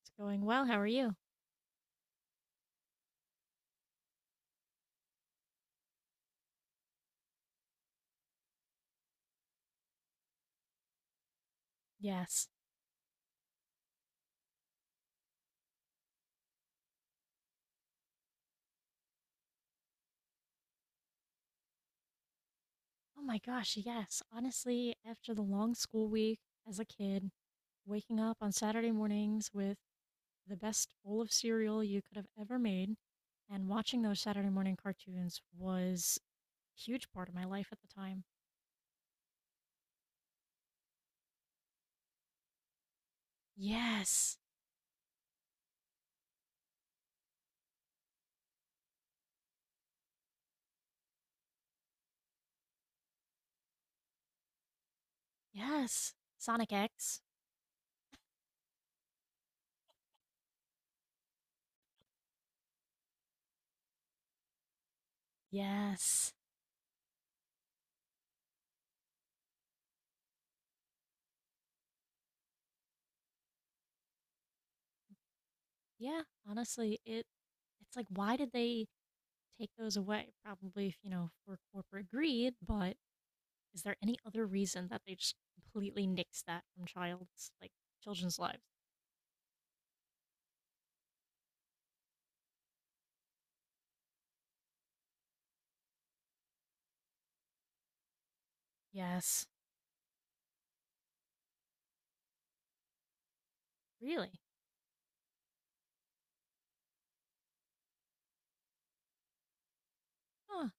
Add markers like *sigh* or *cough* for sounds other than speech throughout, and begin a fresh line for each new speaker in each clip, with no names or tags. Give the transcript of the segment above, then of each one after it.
It's going well. How are you? Yes. Oh my gosh, yes. Honestly, after the long school week as a kid, waking up on Saturday mornings with the best bowl of cereal you could have ever made and watching those Saturday morning cartoons was a huge part of my life at the time. Yes. Yes. Sonic X. Yes. Yeah, honestly, it's like why did they take those away? Probably, you know, for corporate greed, but is there any other reason that they just completely nixed that from child's like children's lives? Yes. Really? Huh. *laughs*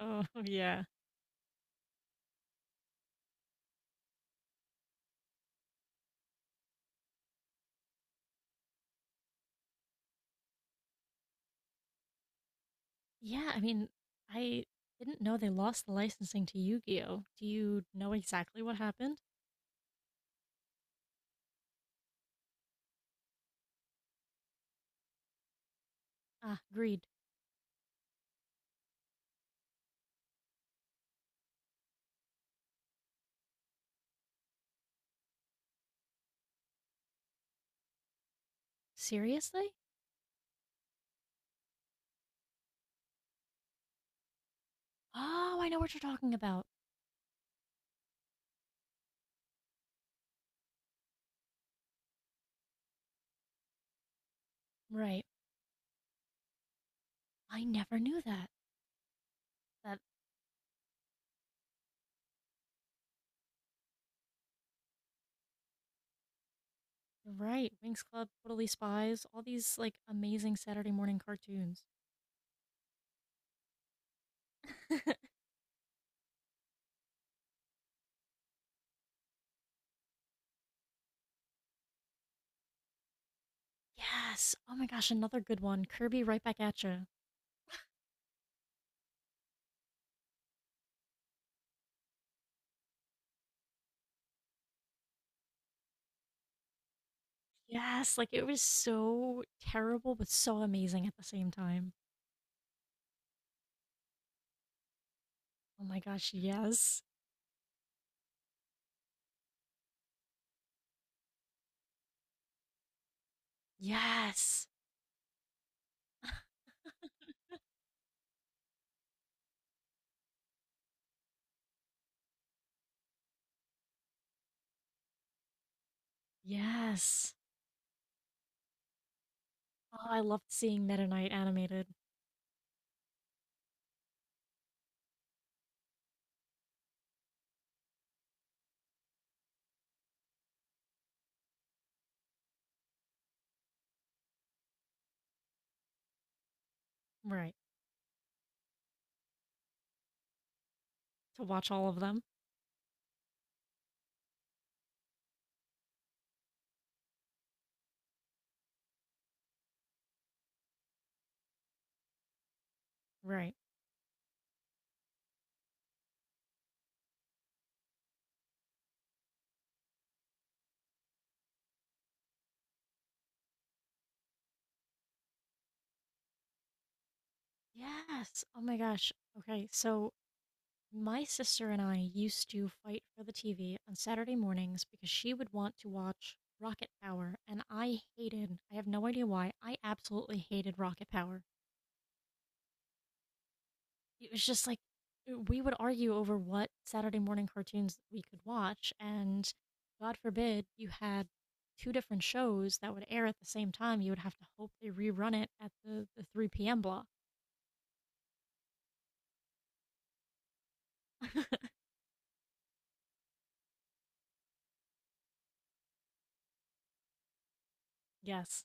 Oh, yeah. Yeah, I mean, I didn't know they lost the licensing to Yu-Gi-Oh. Do you know exactly what happened? Ah, greed. Seriously? Oh, I know what you're talking about. Right. I never knew that. That right. Winx Club, Totally Spies, all these like amazing Saturday morning cartoons. *laughs* Yes. Oh my gosh, another good one. Kirby right back at you. Yes, like it was so terrible but so amazing at the same time. Oh my gosh, yes. Yes. *laughs* Yes. Oh, I loved seeing Meta Knight animated. Right. To watch all of them. Right. Yes. Oh my gosh. Okay, so my sister and I used to fight for the TV on Saturday mornings because she would want to watch Rocket Power, and I hated, I have no idea why, I absolutely hated Rocket Power. It was just like we would argue over what Saturday morning cartoons we could watch, and God forbid you had two different shows that would air at the same time. You would have to hope they rerun it at the 3 p.m. block. *laughs* Yes,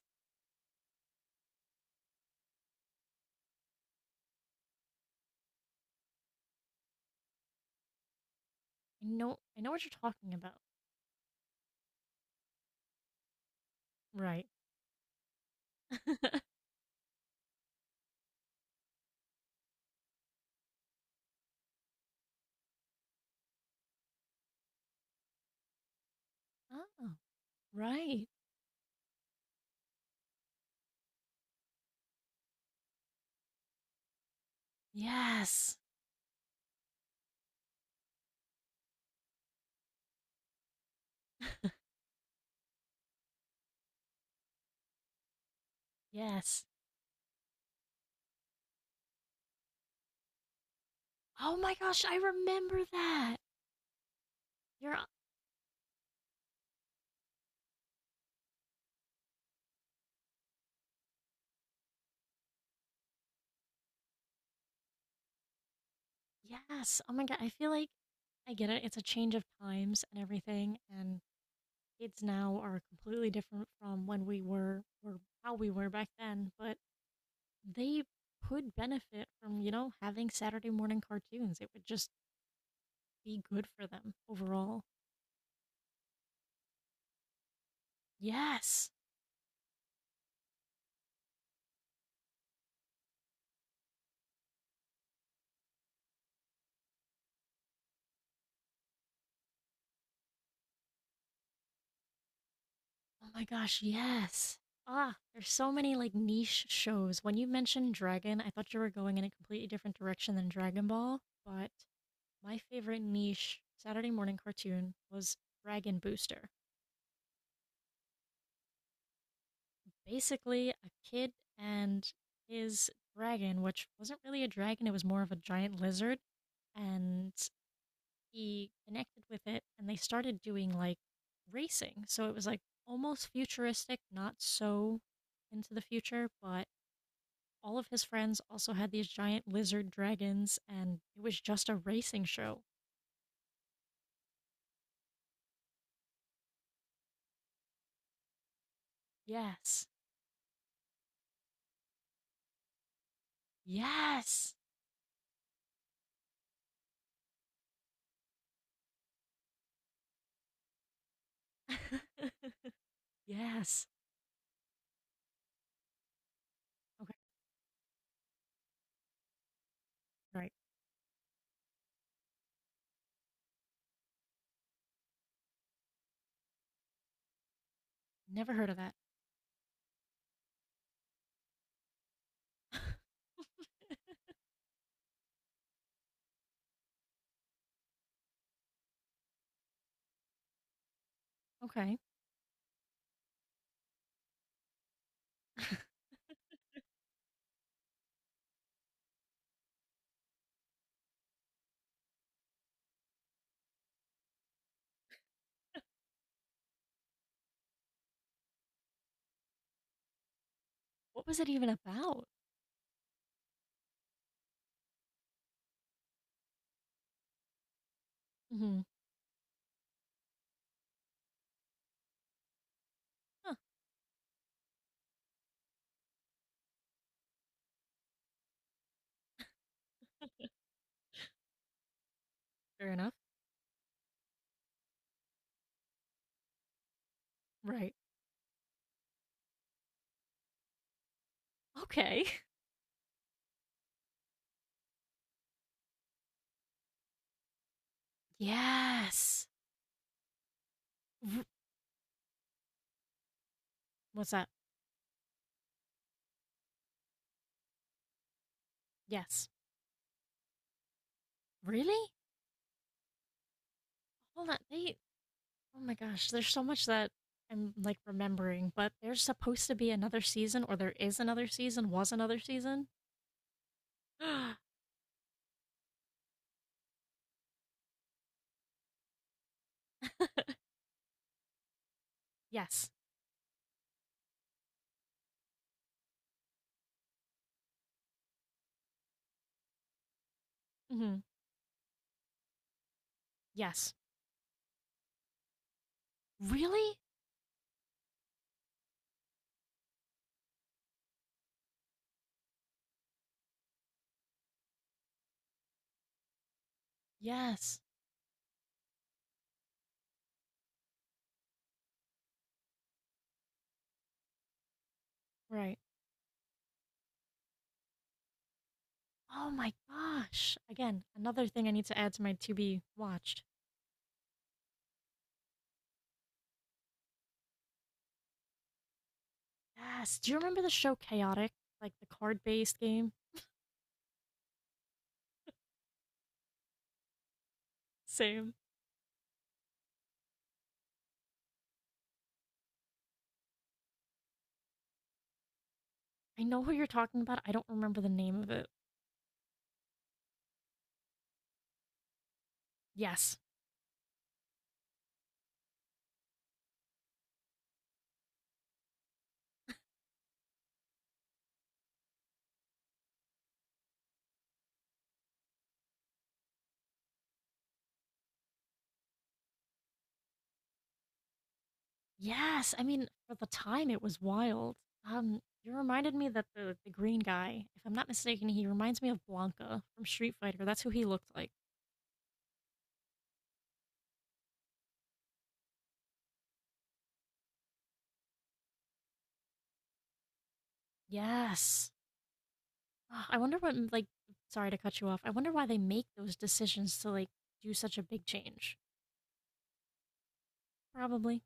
I know. I know what you're talking about. Right. *laughs* Oh, right. Yes. *laughs* Yes. Oh my gosh, I remember that. You're yes. Oh my god, I feel like I get it. It's a change of times and everything, and kids now are completely different from when we were or how we were back then, but they could benefit from, you know, having Saturday morning cartoons. It would just be good for them overall. Yes. Oh my gosh, yes. Ah, there's so many like niche shows. When you mentioned Dragon, I thought you were going in a completely different direction than Dragon Ball, but my favorite niche Saturday morning cartoon was Dragon Booster. Basically a kid and his dragon, which wasn't really a dragon, it was more of a giant lizard. And he connected with it and they started doing like racing. So it was like almost futuristic, not so into the future, but all of his friends also had these giant lizard dragons and it was just a racing show. Yes. Yes. *laughs* Yes. Okay. All right. Never heard of that. *laughs* Okay. *laughs* What was it even about? Hmm. Huh. Fair enough. Right. Okay. *laughs* Yes. R- What's that? Yes. Really? Hold on. They. Oh my gosh. There's so much that I'm like remembering, but there's supposed to be another season, or there is another season. Was another season? *gasps* Yes. Hmm. Yes. Really? Yes. Right. Oh my gosh. Again, another thing I need to add to my to be watched. Yes. Do you remember the show Chaotic? Like the card based game? Same. I know who you're talking about. I don't remember the name of it. Yes. Yes. I mean, for the time, it was wild. You reminded me that the green guy, if I'm not mistaken, he reminds me of Blanca from Street Fighter. That's who he looked like. Yes. Ah, I wonder what, like, sorry to cut you off. I wonder why they make those decisions to, like, do such a big change. Probably.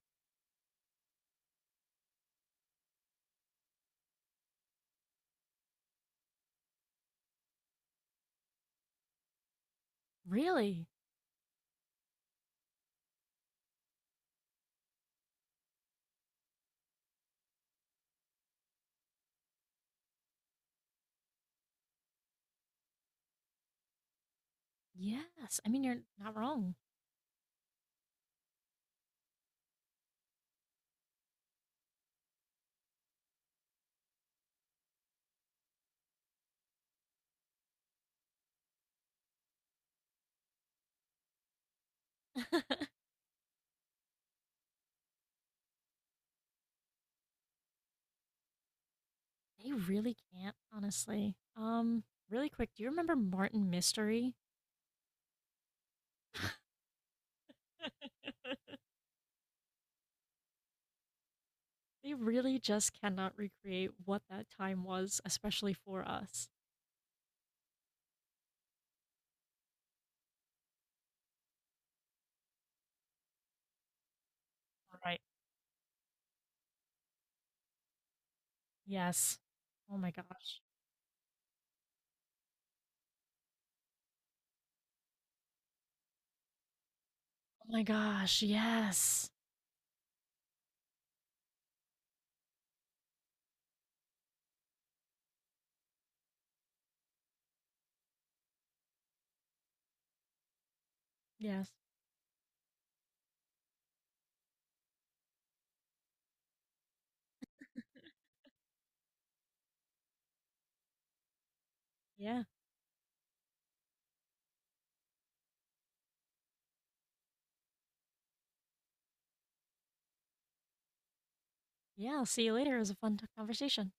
Really? Yes. I mean, you're not wrong. *laughs* They really can't, honestly. Really quick, do you remember Martin Mystery? *laughs* They really just cannot recreate what that time was, especially for us. Right. Yes. Oh my gosh. Oh my gosh. Yes. Yes. Yeah. Yeah. I'll see you later. It was a fun conversation.